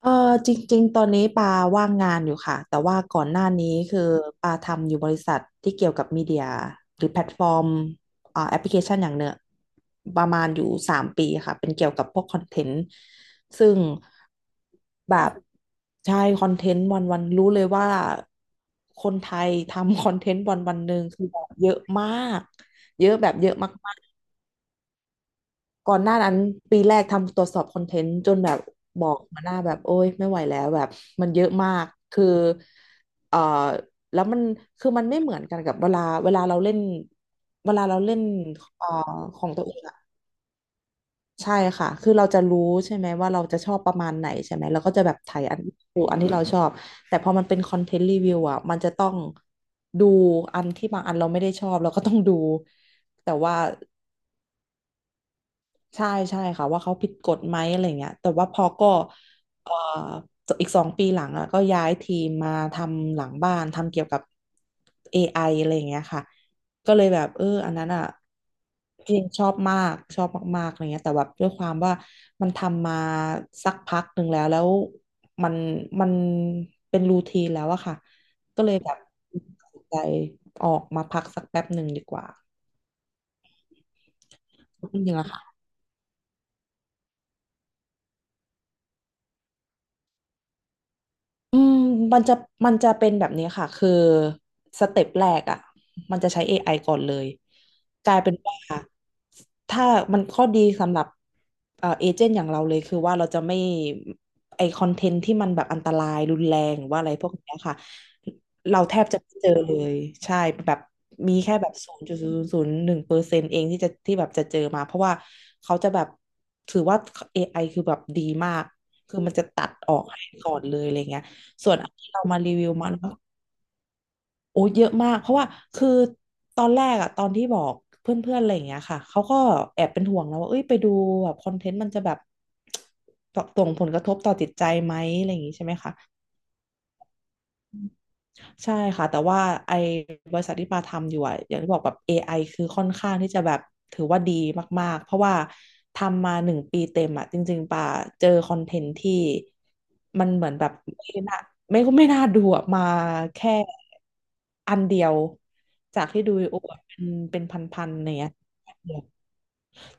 เออจริงๆตอนนี้ปาว่างงานอยู่ค่ะแต่ว่าก่อนหน้านี้คือปาทำอยู่บริษัทที่เกี่ยวกับมีเดียหรือแพลตฟอร์มแอปพลิเคชันอย่างเนื้อประมาณอยู่3 ปีค่ะเป็นเกี่ยวกับพวกคอนเทนต์ซึ่งแบบใช่คอนเทนต์วันวันรู้เลยว่าคนไทยทำ คอนเทนต์วันวันหนึ่งคือแบบเยอะมากเยอะแบบเยอะ ก่อนหน้านั้นปีแรกทำตรวจสอบคอนเทนต์จนแบบบอกหัวหน้าแบบโอ้ยไม่ไหวแล้วแบบมันเยอะมากคือเอ่อแล้วมันคือมันไม่เหมือนกันกับเวลาเราเล่นเวลาเราเล่นเอ่อของตัวเองอะใช่ค่ะคือเราจะรู้ใช่ไหมว่าเราจะชอบประมาณไหนใช่ไหมเราก็จะแบบถ่ายอันดูอันที่เราชอบแต่พอมันเป็นคอนเทนต์รีวิวอะมันจะต้องดูอันที่บางอันเราไม่ได้ชอบเราก็ต้องดูแต่ว่า ใช่ใช่ค่ะว่าเขาผิดกฎไหมอะไรเงี้ยแต่ว่าพอก็เอ่ออีก2 ปีหลังอ่ะก็ย้ายทีมมาทำหลังบ้านทำเกี่ยวกับเอ i ออะไรอย่างเงี้ยค่ะก็เลยแบบเอออันนั้นอ่ะเพีงชอบมากชอบมากๆอะไรเงี้ยแต่แบบด้วยความว่ามันทำมาสักพักหนึ่งแล้วมันมันเป็นรูทีนแล้วอะค่ะก็เลยแบบตัดสินใจออกมาพักสักแป๊บหนึ่งดีกว่าจริงๆอะค่ะ อืมมันจะมันจะเป็นแบบนี้ค่ะคือสเต็ปแรกอ่ะมันจะใช้ AI ก่อนเลยกลายเป็นว่าถ้ามันข้อดีสำหรับเอเจนต์อย่างเราเลยคือว่าเราจะไม่ไอคอนเทนต์ที่มันแบบอันตรายรุนแรงหรือว่าอะไรพวกเนี้ยค่ะเราแทบจะไม่เจอเลยใช่แบบมีแค่แบบ0.001%เองที่จะที่แบบจะเจอมาเพราะว่าเขาจะแบบถือว่า AI คือแบบดีมากคือมันจะตัดออกให้ก่อนเลยอะไรเงี้ย ส่วนอันที่เรามารีวิวมันก็โอ้เยอะมากเพราะว่าคือตอนแรกอะตอนที่บอกเพื่อนๆอะไรอย่างเงี้ยค่ะเขาก็แอบเป็นห่วงแล้วว่าเอ้ยไปดูแบบคอนเทนต์มันจะแบบส่งผลกระทบต่อจิตใจไหมอะไรอย่างงี้ใช่ไหมคะ ใช่ค่ะแต่ว่าไอ้บริษัทที่ปาทำอยู่อะอย่างที่บอกแบบ AI คือค่อนข้างที่จะแบบถือว่าดีมากๆเพราะว่าทำมา1 ปีเต็มอะจริงๆปาเจอคอนเทนต์ที่มันเหมือนแบบไม่น่าไม่น่าดูอะมาแค่อันเดียวจากที่ดูโอ้เป็นเป็นพันๆเนี่ย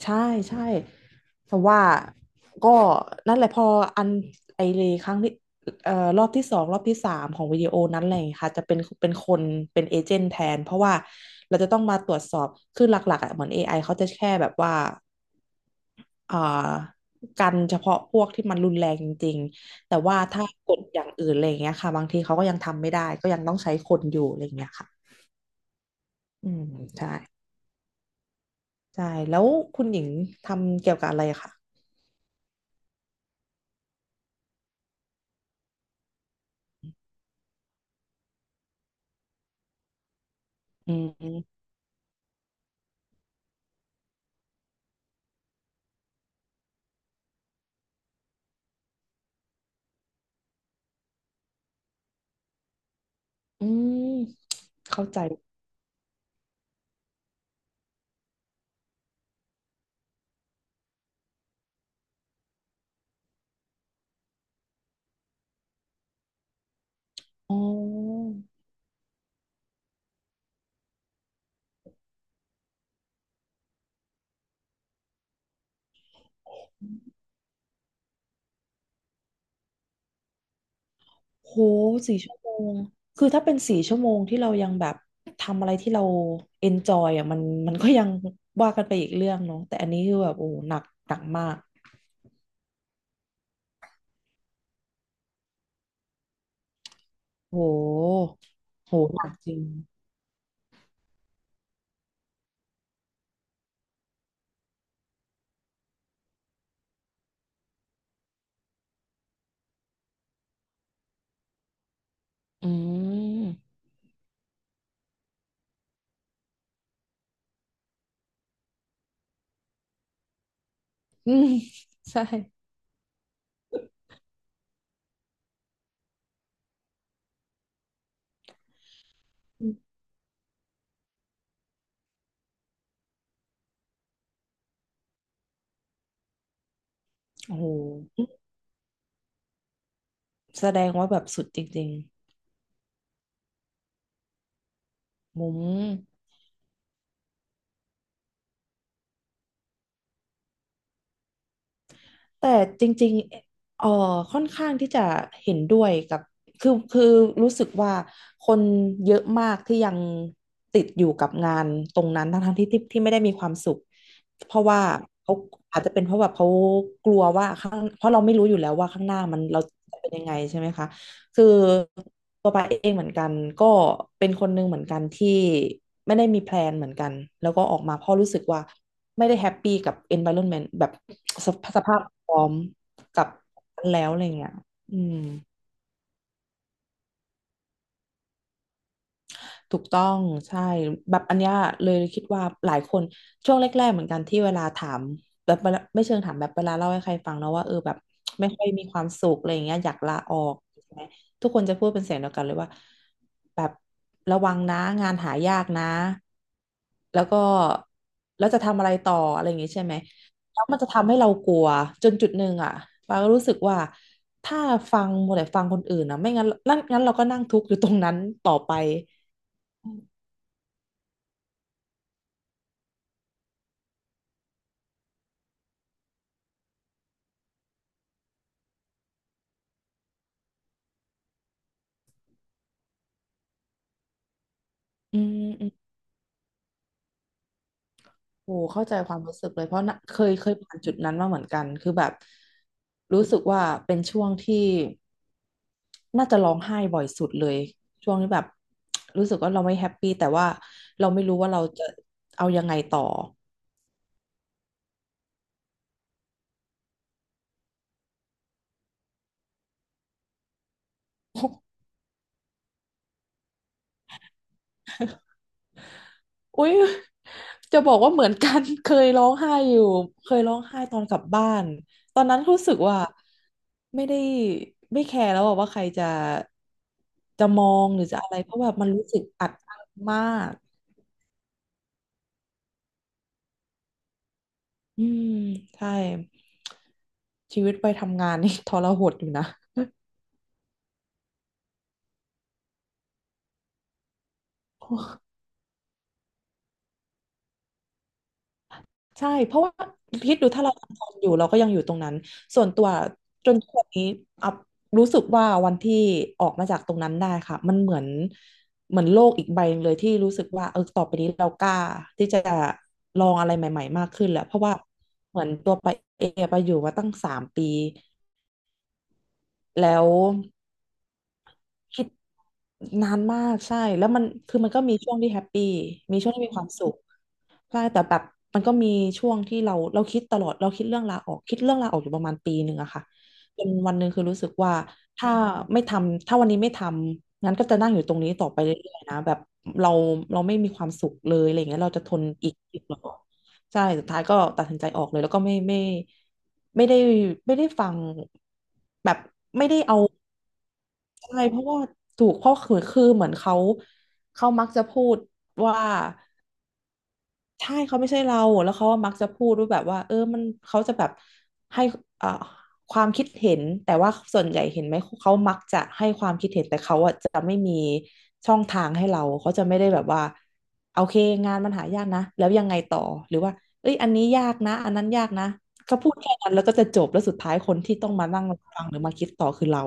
ใช่ใช่แต่ว่าก็นั่นแหละพออันไอเลครั้งที่รอบที่สองรอบที่สามของวิดีโอนั้นอะไรอย่างเงี้ยค่ะจะเป็นเป็นคนเป็นเอเจนต์แทนเพราะว่าเราจะต้องมาตรวจสอบคือหลักๆอ่ะเหมือน AI เขาจะแค่แบบว่าอ่ากันเฉพาะพวกที่มันรุนแรงจริงๆแต่ว่าถ้ากดอย่างอื่นอะไรอย่างเงี้ยค่ะบางทีเขาก็ยังทำไม่ได้ก็ยังต้องใช้คนอยู่อะไรอย่างเงี้ยค่ะอืมใช่ใช่แล้วคุณหญิงทำเกี่ยวกับอะไรอะค่ะอืม อืมเข้าใจอ๋อโหสี่ชั่วโมงคือถ้าเป็นสี่ชั่วโมงที่เรายังแบบทำอะไรที่เราเอนจอยอ่ะมันมันก็ยังว่ากันไปอีกเรื่องเนาะแต่อันนี้คือแบบโอ้หนักหนักมากโหโหหนักจริงอืม อืมใช่โอ้โหแสดงว่าแบบสุดจริงๆมุม แต่จริงๆค่อนข้างที่จะเห็นด้วยกับคือรู้สึกว่าคนเยอะมากที่ยังติดอยู่กับงานตรงนั้นทั้งๆที่ไม่ได้มีความสุข เพราะว่าเขาอาจจะเป็นเพราะแบบเขากลัวว่าข้างเพราะเราไม่รู้อยู่แล้วว่าข้างหน้ามันเราจะเป็นยังไงใช่ไหมคะคือตัวปาเองเหมือนกันก็เป็นคนหนึ่งเหมือนกันที่ไม่ได้มีแพลนเหมือนกันแล้วก็ออกมาเพราะรู้สึกว่า ไม่ได้แฮปปี้กับ environment แบบสภาพพร้อมกับแล้วอะไรเงี้ยอืม ถูกต้องใช่แบบอันเนี้ยเลยคิดว่าหลายคนช่วงแรกๆเหมือนกันที่เวลาถามแบบเวลาไม่เชิงถามแบบเวลาเล่าให้ใครฟังแล้วว่าเออแบบไม่ค่อยมีความสุขอะไรอย่างเงี้ยอยากลาออกใช่ไหมทุกคนจะพูดเป็นเสียงเดียวกันเลยว่าแบบระวังนะงานหายากนะแล้วก็แล้วจะทำอะไรต่ออะไรอย่างงี้ใช่ไหมแล้วมันจะทำให้เรากลัวจนจุดหนึ่งอ่ะปาก็รู้สึกว่าถ้าฟังหมดแต่ฟังคนอื่นนะไม่งั้นนั่นงั้นเราก็นั่งทุกข์อยู่ตรงนั้นต่อไป อืมอืม โอ้เข้าใจความรู้สึกเลยเพราะน่ะเคยผ่านจุดนั้นมาเหมือนกัน คือแบบรู้สึกว่าเป็นช่วงที่น่าจะร้องไห้บ่อยสุดเลยช่วงที่แบบรู้สึกว่าเราไม่แฮปปี้แต่ว่าเราไม่รู้ว่าเราจะเอายังไงต่อ อุ๊ยจะบอกว่าเหมือนกัน เคยร้องไห้อยู่เคยร้องไห้ตอนกลับบ้านตอนนั้นรู้สึกว่าไม่ได้ไม่แคร์แล้วอะว่าใครจะจะมองหรือจะอะไรเพราะแบบมันรู้สึกอัดอั้นมากอืมใช่ชีวิตไปทำงานนี่ ทรหดอยู่นะ ใช่เพราะว่าคิดดูถ้าเราทำงานอยู่เราก็ยังอยู่ตรงนั้นส่วนตัวจนทุกวันนี้อัพรู้สึกว่าวันที่ออกมาจากตรงนั้นได้ค่ะมันเหมือนเหมือนโลกอีกใบหนึ่งเลยที่รู้สึกว่าเออต่อไปนี้เรากล้าที่จะลองอะไรใหม่ๆมากขึ้นแล้วเพราะว่าเหมือนตัวไปเอไปอยู่มาตั้งสามปีแล้ว คิดนานมากใช่แล้วมันคือมันก็มีช่วงที่แฮปปี้มีช่วงที่มีความสุขใช่แต่แบบมันก็มีช่วงที่เราคิดตลอดเราคิดเรื่องลาออกคิดเรื่องลาออกอยู่ประมาณปีหนึ่งอะค่ะจนวันหนึ่งคือรู้สึกว่าถ้าไม่ทำถ้าวันนี้ไม่ทำงั้นก็จะนั่งอยู่ตรงนี้ต่อไปเรื่อยๆนะแบบเราเราไม่มีความสุขเลยอะไรอย่างเงี้ยเราจะทนอีกเหรอใช่สุดท้ายก็ตัดสินใจออกเลยแล้วก็ไม่ไม่ได้ไม่ได้ฟังแบบไม่ได้เอา ใช่เพราะว่าถูกเพราะคือเหมือนเขาเขามักจะพูดว่าใช่เขาไม่ใช่เราแล้วเขาก็มักจะพูดว่าแบบว่าเออมันเขาจะแบบให้เอ่อความคิดเห็นแต่ว่าส่วนใหญ่เห็นไหมเขามักจะให้ความคิดเห็นแต่เขาอะจะไม่มีช่องทางให้เราเขาจะไม่ได้แบบว่าโอเคงานมันหายากนะแล้วยังไงต่อหรือว่าเอ้ยอันนี้ยากนะอันนั้นยากนะเขาพูดแค่นั้นแล้วก็จะจบแล้วสุดท้ายคนที่ต้องมานั่งฟังหรือมาคิดต่อคือเรา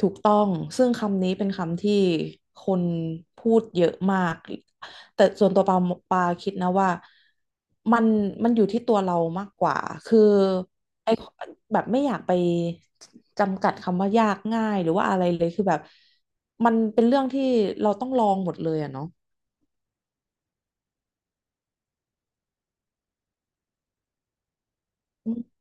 ถูกต้องซึ่งคำนี้เป็นคำที่คนพูดเยอะมาก แต่ส่วนตัวปาปาคิดนะว่ามันมันอยู่ที่ตัวเรามากกว่า คือไอแบบไม่อยากไปจำกัดคำว่ายากง่ายหรือว่าอะไรเลยคือแบบมันเป็นเรื่องที่เราต้องลองหมดเลยอะเนาะอืม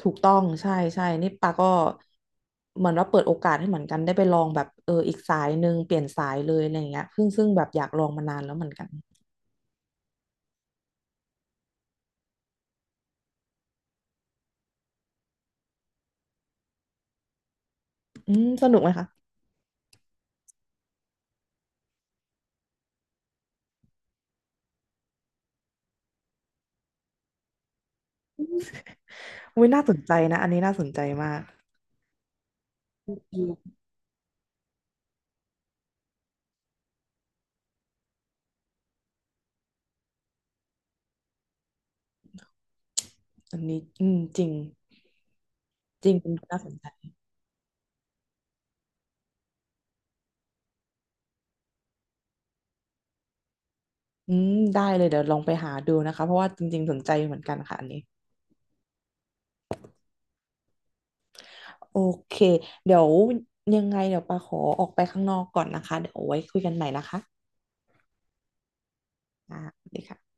ถูกต้องใช่ใช่นี่ปาก็เหมือนว่าเปิดโอกาสให้เหมือนกันได้ไปลองแบบเอออีกสายหนึ่งเปลี่ยนสายเลยอะไรอย่างเงี้ยซึ่งแบบอยากลองมานานแล้วเหมือนกัน อืมสนุกไหมคะอุ้ยน่าสนใจนะอันนี้น่าสนใจมากอืมอันนี้อืมจริงจริงเป็นน่าสนใจอืมได้เลยเดี๋ยวลองไปหาดูนะคะเพราะว่าจริงๆสนใจเหมือนกันค่ะอันนี้โอเคเดี๋ยวยังไงเดี๋ยวปาขอออกไปข้างนอกก่อนนะคะเดี๋ยวเอาไว้คุยกันใหม่นะคะอ่าสวัสดีค่ะ